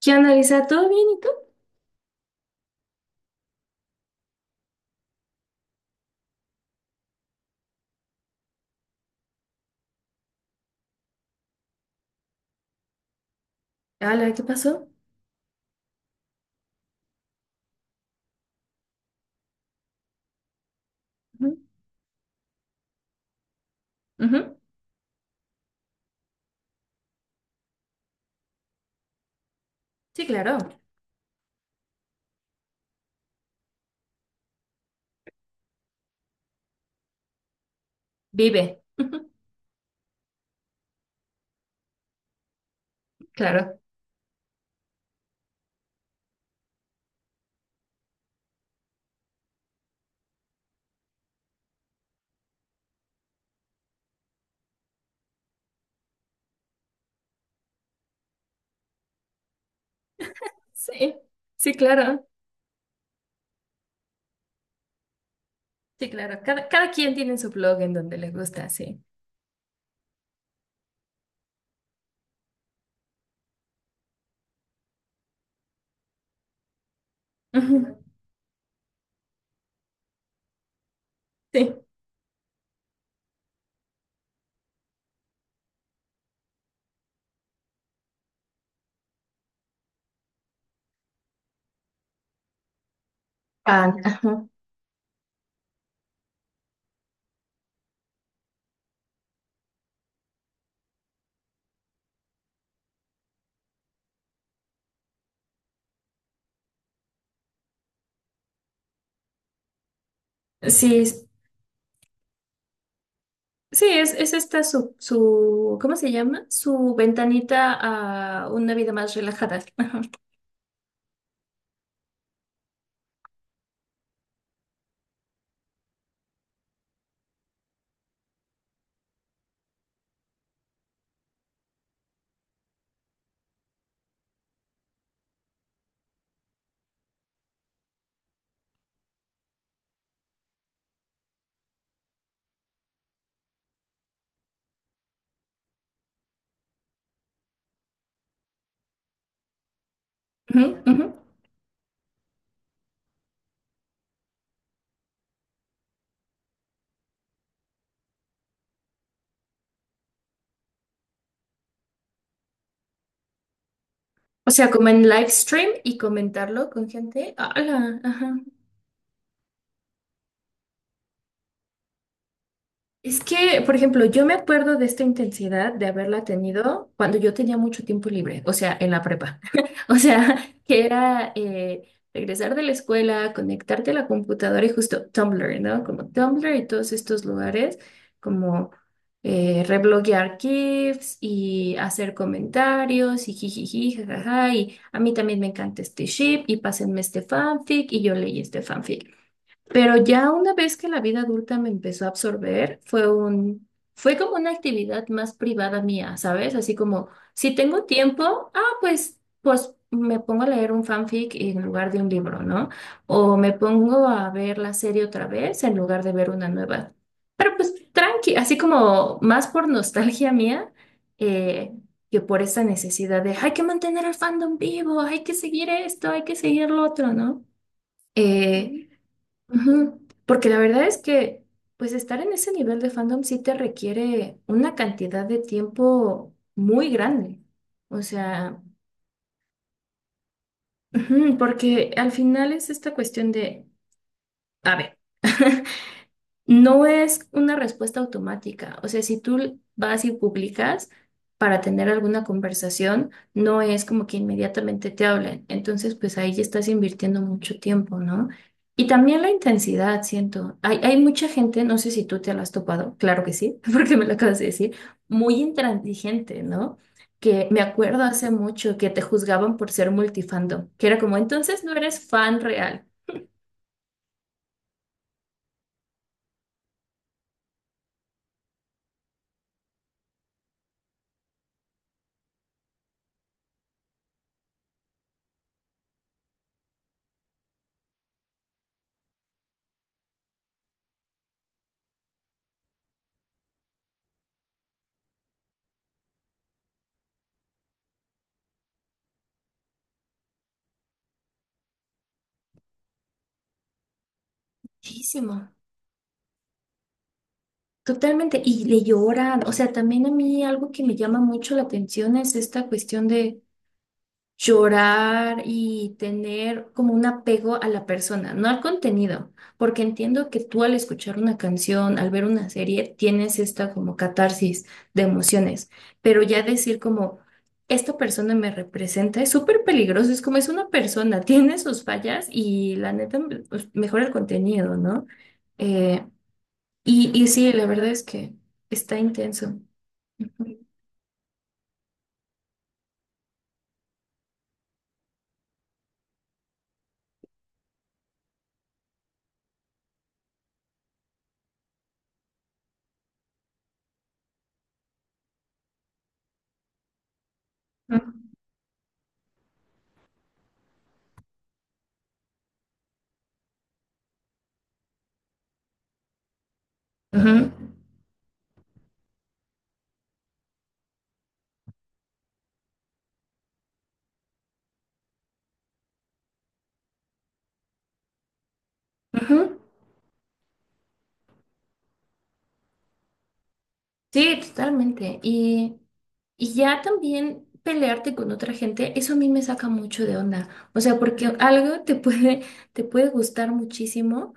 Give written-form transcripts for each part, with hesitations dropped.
¿Qué onda, Lisa? ¿Todo bien y tú? Hola, ¿qué pasó? Ujú, ujú. Sí, claro. Vive. Ujú, claro. Sí, sí, claro. Sí, claro. Cada quien tiene su blog en donde le gusta, sí. Ujú, sí. Ah, ah, ajá. Sí, es- sí, es esta ¿cómo se llama? Su ventanita a una vida más relajada. Ajá, ujú, ujú. O sea, como en live stream y comentarlo con gente. Hola, ajá. Es que, por ejemplo, yo me acuerdo de esta intensidad de haberla tenido cuando yo tenía mucho tiempo libre, o sea, en la prepa. O sea, que era regresar de la escuela, conectarte a la computadora y justo Tumblr, ¿no? Como Tumblr y todos estos lugares, como rebloguear GIFs y hacer comentarios y jijiji, jajaja, y a mí también me encanta este ship y pásenme este fanfic y yo leí este fanfic. Pero ya una vez que la vida adulta me empezó a absorber, fue como una actividad más privada mía, ¿sabes? Así como, si tengo tiempo, ah, pues, pues me pongo a leer un fanfic en lugar de un libro, ¿no? O me pongo a ver la serie otra vez en lugar de ver una nueva. Pero pues tranqui, así como más por nostalgia mía, eh, que por esa necesidad de, hay que mantener al fandom vivo, hay que seguir esto, hay que seguir lo otro, ¿no? Eh, ujú, porque la verdad es que, pues estar en ese nivel de fandom sí te requiere una cantidad de tiempo muy grande. O sea, ujú, porque al final es esta cuestión de, a ver. No es una respuesta automática. O sea, si tú vas y publicas para tener alguna conversación, no es como que inmediatamente te hablen. Entonces, pues ahí ya estás invirtiendo mucho tiempo, ¿no? Y también la intensidad, siento. Hay mucha gente, no sé si tú te la has topado, claro que sí, porque me lo acabas de decir, muy intransigente, ¿no? Que me acuerdo hace mucho que te juzgaban por ser multifandom, que era como, entonces no eres fan real. Muchísimo. Totalmente, y le lloran, o sea, también a mí algo que me llama mucho la atención es esta cuestión de llorar y tener como un apego a la persona, no al contenido, porque entiendo que tú al escuchar una canción, al ver una serie, tienes esta como catarsis de emociones, pero ya decir como, esta persona me representa, es súper peligroso, es como es una persona, tiene sus fallas y la neta, pues, mejor el contenido, ¿no? Eh, y sí, la verdad es que está intenso. Ujú, ujú, ujú. Sí, totalmente. Y ya también pelearte con otra gente, eso a mí me saca mucho de onda. O sea, porque algo te puede gustar muchísimo.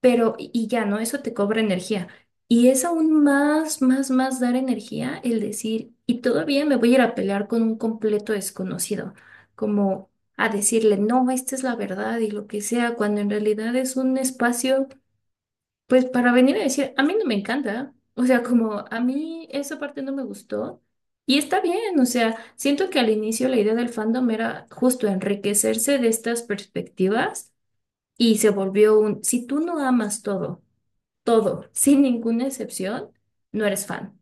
Pero, y ya, ¿no? Eso te cobra energía. Y es aún más dar energía el decir, y todavía me voy a ir a pelear con un completo desconocido, como a decirle, no, esta es la verdad y lo que sea, cuando en realidad es un espacio, pues para venir a decir, a mí no me encanta, o sea, como a mí esa parte no me gustó. Y está bien, o sea, siento que al inicio la idea del fandom era justo enriquecerse de estas perspectivas y se volvió un, si tú no amas todo, todo, sin ninguna excepción, no eres fan.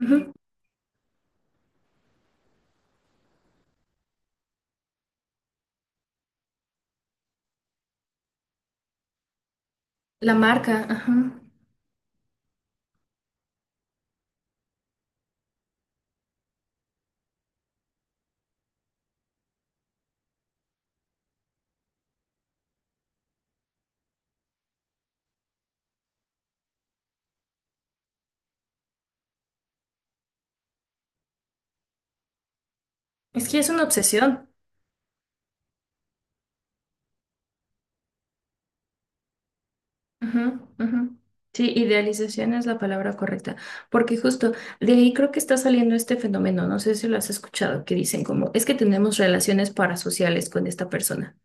Ujú. La marca, ajá. Es que es una obsesión. Ajá, ajá. Sí, idealización es la palabra correcta, porque justo de ahí creo que está saliendo este fenómeno, no sé si lo has escuchado, que dicen como, es que tenemos relaciones parasociales con esta persona.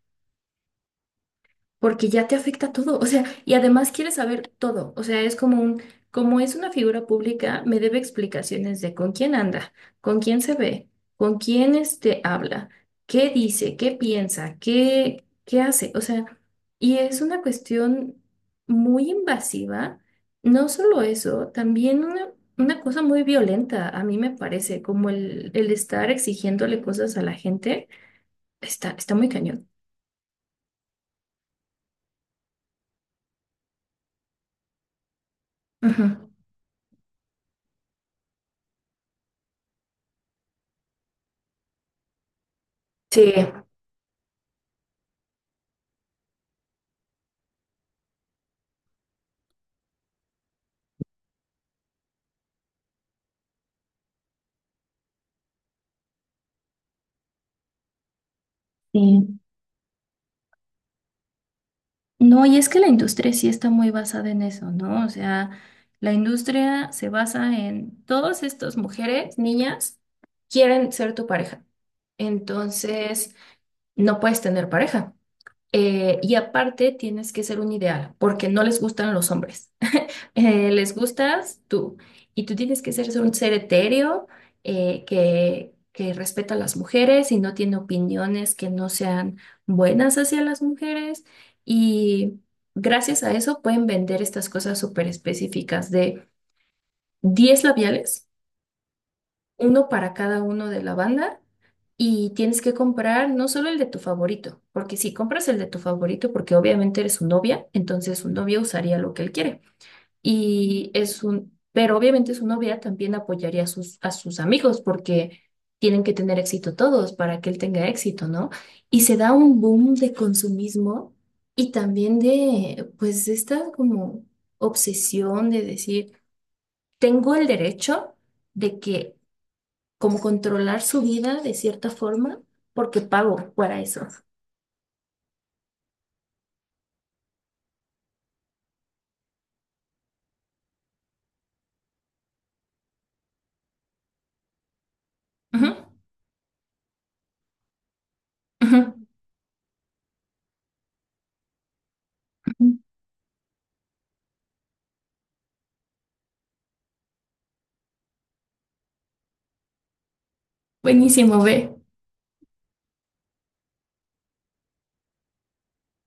Porque ya te afecta todo, o sea, y además quieres saber todo, o sea, es como un, como es una figura pública, me debe explicaciones de con quién anda, con quién se ve, con quién este habla, qué dice, qué piensa, qué hace, o sea, y es una cuestión muy invasiva, no solo eso, también una cosa muy violenta, a mí me parece, como el estar exigiéndole cosas a la gente, está muy cañón. Ujú. Sí. Sí. No, y es que la industria sí está muy basada en eso, ¿no? O sea, la industria se basa en todas estas mujeres, niñas, quieren ser tu pareja. Entonces, no puedes tener pareja. Y aparte, tienes que ser un ideal, porque no les gustan los hombres les gustas tú. Y tú tienes que ser un ser etéreo que respeta a las mujeres y no tiene opiniones que no sean buenas hacia las mujeres. Y gracias a eso pueden vender estas cosas súper específicas de 10 labiales, uno para cada uno de la banda. Y tienes que comprar no solo el de tu favorito, porque si compras el de tu favorito, porque obviamente eres su novia, entonces su novia usaría lo que él quiere. Y es un, pero obviamente su novia también apoyaría a a sus amigos porque tienen que tener éxito todos para que él tenga éxito, ¿no? Y se da un boom de consumismo y también de, pues, esta como obsesión de decir, tengo el derecho de que, como controlar su vida de cierta forma, porque pago para eso. Ujú, ujú, ujú. Buenísimo, ve.